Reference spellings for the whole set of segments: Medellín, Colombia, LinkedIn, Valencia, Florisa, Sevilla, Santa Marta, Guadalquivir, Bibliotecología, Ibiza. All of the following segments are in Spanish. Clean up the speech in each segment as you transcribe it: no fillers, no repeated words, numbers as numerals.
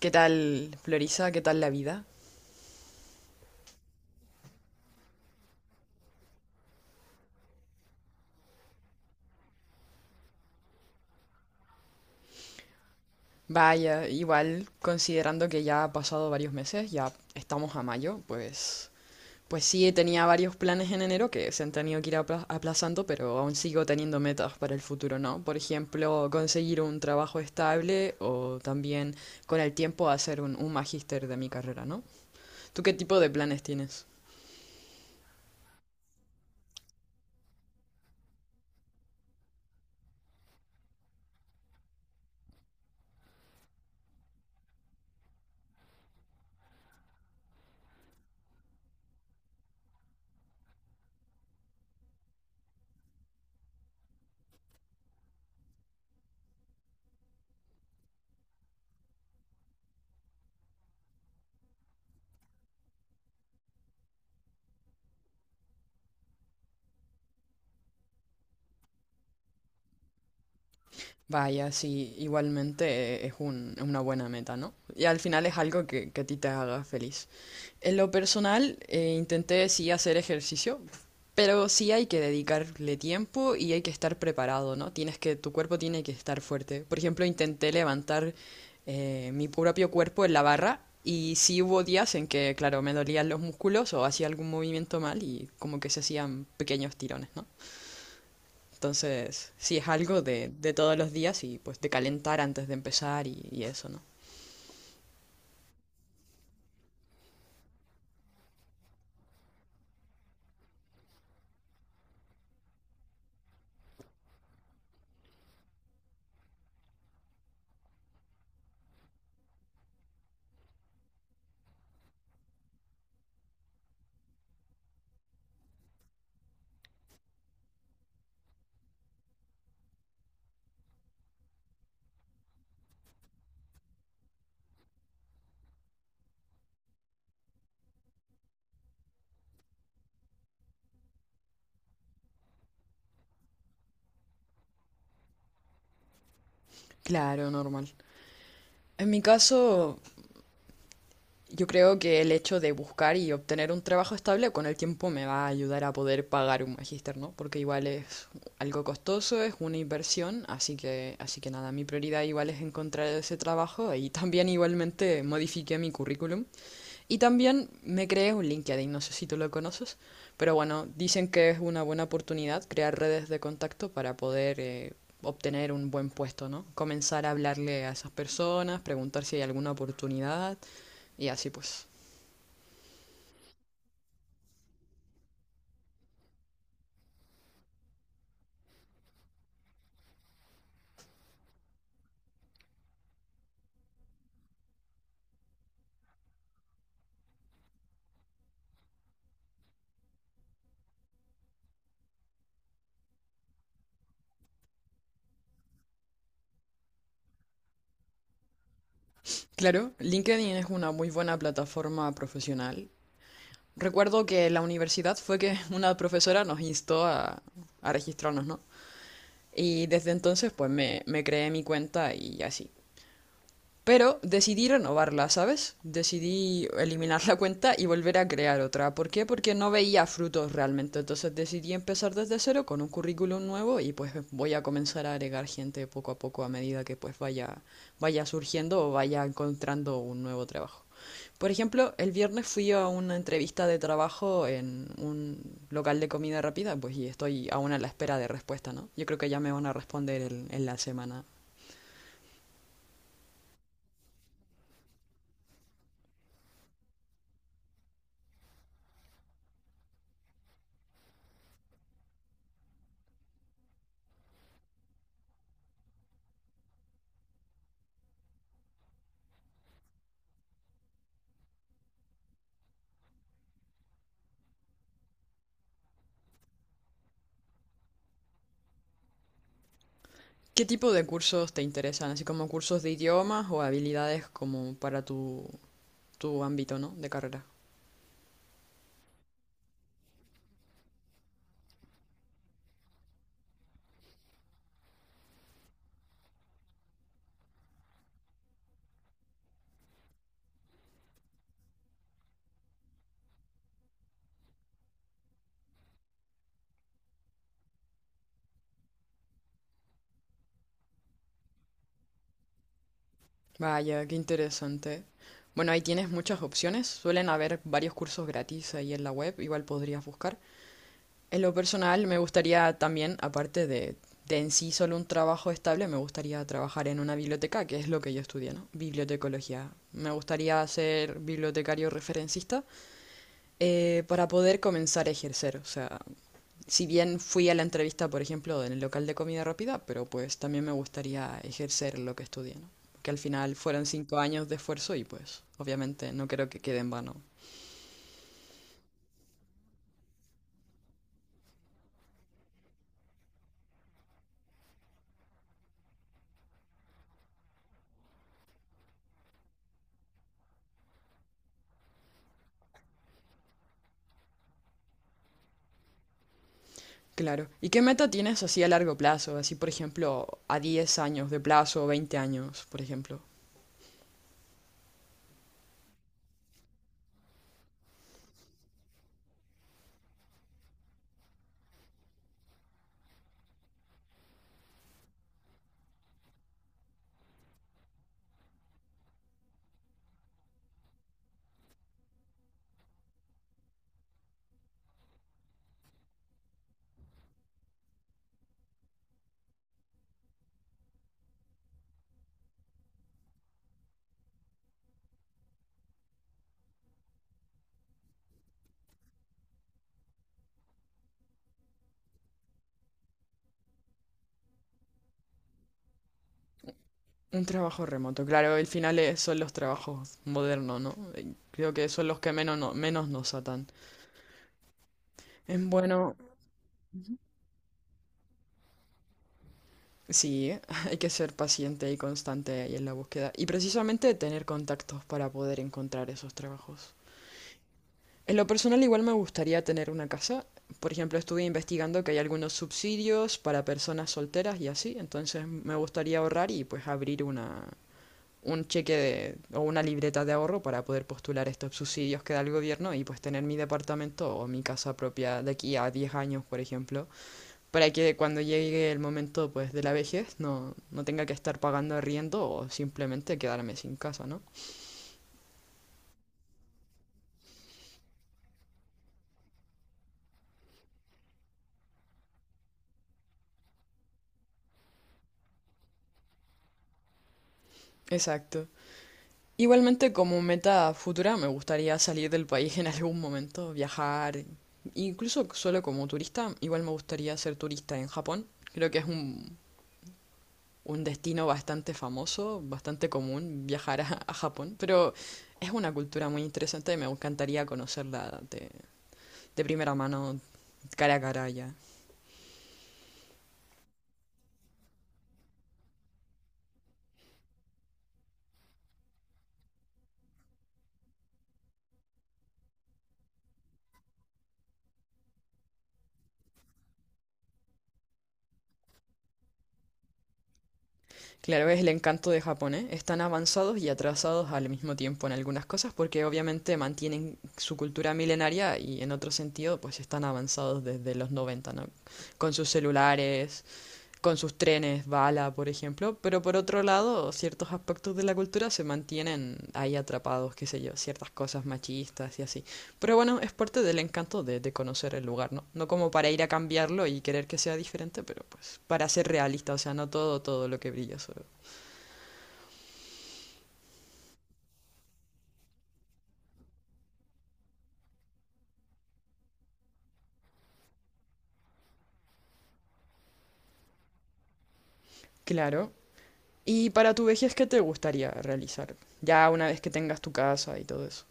¿Qué tal, Florisa? ¿Qué tal la vida? Vaya, igual, considerando que ya ha pasado varios meses, ya estamos a mayo, pues sí, tenía varios planes en enero que se han tenido que ir aplazando, pero aún sigo teniendo metas para el futuro, ¿no? Por ejemplo, conseguir un trabajo estable o también con el tiempo hacer un magíster de mi carrera, ¿no? ¿Tú qué tipo de planes tienes? Vaya, sí, igualmente es es una buena meta, ¿no? Y al final es algo que a ti te haga feliz. En lo personal, intenté sí hacer ejercicio, pero sí hay que dedicarle tiempo y hay que estar preparado, ¿no? Tienes que, tu cuerpo tiene que estar fuerte. Por ejemplo, intenté levantar mi propio cuerpo en la barra y sí hubo días en que, claro, me dolían los músculos o hacía algún movimiento mal y como que se hacían pequeños tirones, ¿no? Entonces, sí, es algo de todos los días y pues de calentar antes de empezar y eso, ¿no? Claro, normal. En mi caso, yo creo que el hecho de buscar y obtener un trabajo estable con el tiempo me va a ayudar a poder pagar un magíster, ¿no? Porque igual es algo costoso, es una inversión, así que nada, mi prioridad igual es encontrar ese trabajo y también igualmente modifiqué mi currículum. Y también me creé un LinkedIn, no sé si tú lo conoces, pero bueno, dicen que es una buena oportunidad crear redes de contacto para poder obtener un buen puesto, ¿no? Comenzar a hablarle a esas personas, preguntar si hay alguna oportunidad y así pues. Claro, LinkedIn es una muy buena plataforma profesional. Recuerdo que en la universidad fue que una profesora nos instó a registrarnos, ¿no? Y desde entonces pues me creé mi cuenta y así. Pero decidí renovarla, ¿sabes? Decidí eliminar la cuenta y volver a crear otra. ¿Por qué? Porque no veía frutos realmente. Entonces decidí empezar desde cero con un currículum nuevo y pues voy a comenzar a agregar gente poco a poco a medida que pues vaya surgiendo o vaya encontrando un nuevo trabajo. Por ejemplo, el viernes fui a una entrevista de trabajo en un local de comida rápida, pues y estoy aún a la espera de respuesta, ¿no? Yo creo que ya me van a responder en la semana. ¿Qué tipo de cursos te interesan? Así como cursos de idiomas o habilidades como para tu ámbito, ¿no? De carrera. Vaya, qué interesante. Bueno, ahí tienes muchas opciones. Suelen haber varios cursos gratis ahí en la web, igual podrías buscar. En lo personal, me gustaría también, aparte de en sí solo un trabajo estable, me gustaría trabajar en una biblioteca, que es lo que yo estudié, ¿no? Bibliotecología. Me gustaría ser bibliotecario referencista. Para poder comenzar a ejercer, o sea, si bien fui a la entrevista, por ejemplo, en el local de comida rápida, pero pues también me gustaría ejercer lo que estudié, ¿no? Que al final fueron 5 años de esfuerzo y pues obviamente no creo que quede en vano. Claro. ¿Y qué meta tienes así a largo plazo? Así, por ejemplo, a 10 años de plazo, 20 años, por ejemplo. Un trabajo remoto. Claro, al final son los trabajos modernos, ¿no? Creo que son los que menos, menos nos atan. Bueno. Sí, hay que ser paciente y constante ahí en la búsqueda y precisamente tener contactos para poder encontrar esos trabajos. En lo personal igual me gustaría tener una casa. Por ejemplo, estuve investigando que hay algunos subsidios para personas solteras y así, entonces me gustaría ahorrar y pues abrir una un cheque de, o una libreta de ahorro para poder postular estos subsidios que da el gobierno y pues tener mi departamento o mi casa propia de aquí a 10 años, por ejemplo, para que cuando llegue el momento pues de la vejez no, no tenga que estar pagando arriendo o simplemente quedarme sin casa, ¿no? Exacto. Igualmente como meta futura me gustaría salir del país en algún momento, viajar, incluso solo como turista, igual me gustaría ser turista en Japón. Creo que es un destino bastante famoso, bastante común viajar a Japón, pero es una cultura muy interesante y me encantaría conocerla de primera mano, cara a cara ya. Claro, es el encanto de Japón, ¿eh? Están avanzados y atrasados al mismo tiempo en algunas cosas porque obviamente mantienen su cultura milenaria y en otro sentido pues están avanzados desde los 90, ¿no? Con sus celulares, con sus trenes, bala, por ejemplo, pero por otro lado ciertos aspectos de la cultura se mantienen ahí atrapados, qué sé yo, ciertas cosas machistas y así. Pero bueno, es parte del encanto de conocer el lugar, ¿no? No como para ir a cambiarlo y querer que sea diferente, pero pues para ser realista, o sea, no todo, todo lo que brilla sobre. Claro. ¿Y para tu vejez qué te gustaría realizar? Ya una vez que tengas tu casa y todo eso.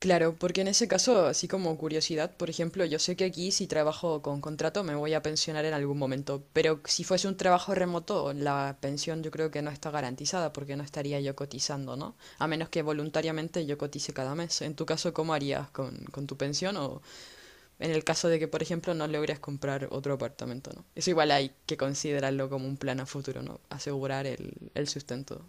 Claro, porque en ese caso, así como curiosidad, por ejemplo, yo sé que aquí si trabajo con contrato me voy a pensionar en algún momento, pero si fuese un trabajo remoto, la pensión yo creo que no está garantizada porque no estaría yo cotizando, ¿no? A menos que voluntariamente yo cotice cada mes. En tu caso, ¿cómo harías con tu pensión o, en el caso de que, por ejemplo, no logres comprar otro apartamento, ¿no? Eso igual hay que considerarlo como un plan a futuro, ¿no? Asegurar el sustento.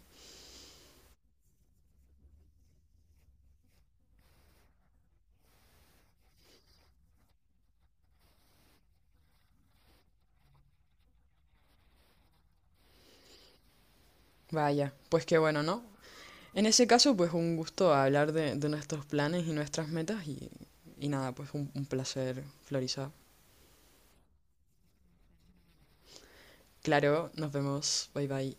Vaya, pues qué bueno, ¿no? En ese caso, pues un gusto hablar de nuestros planes y nuestras metas y nada, pues un placer, Florisa. Claro, nos vemos. Bye bye.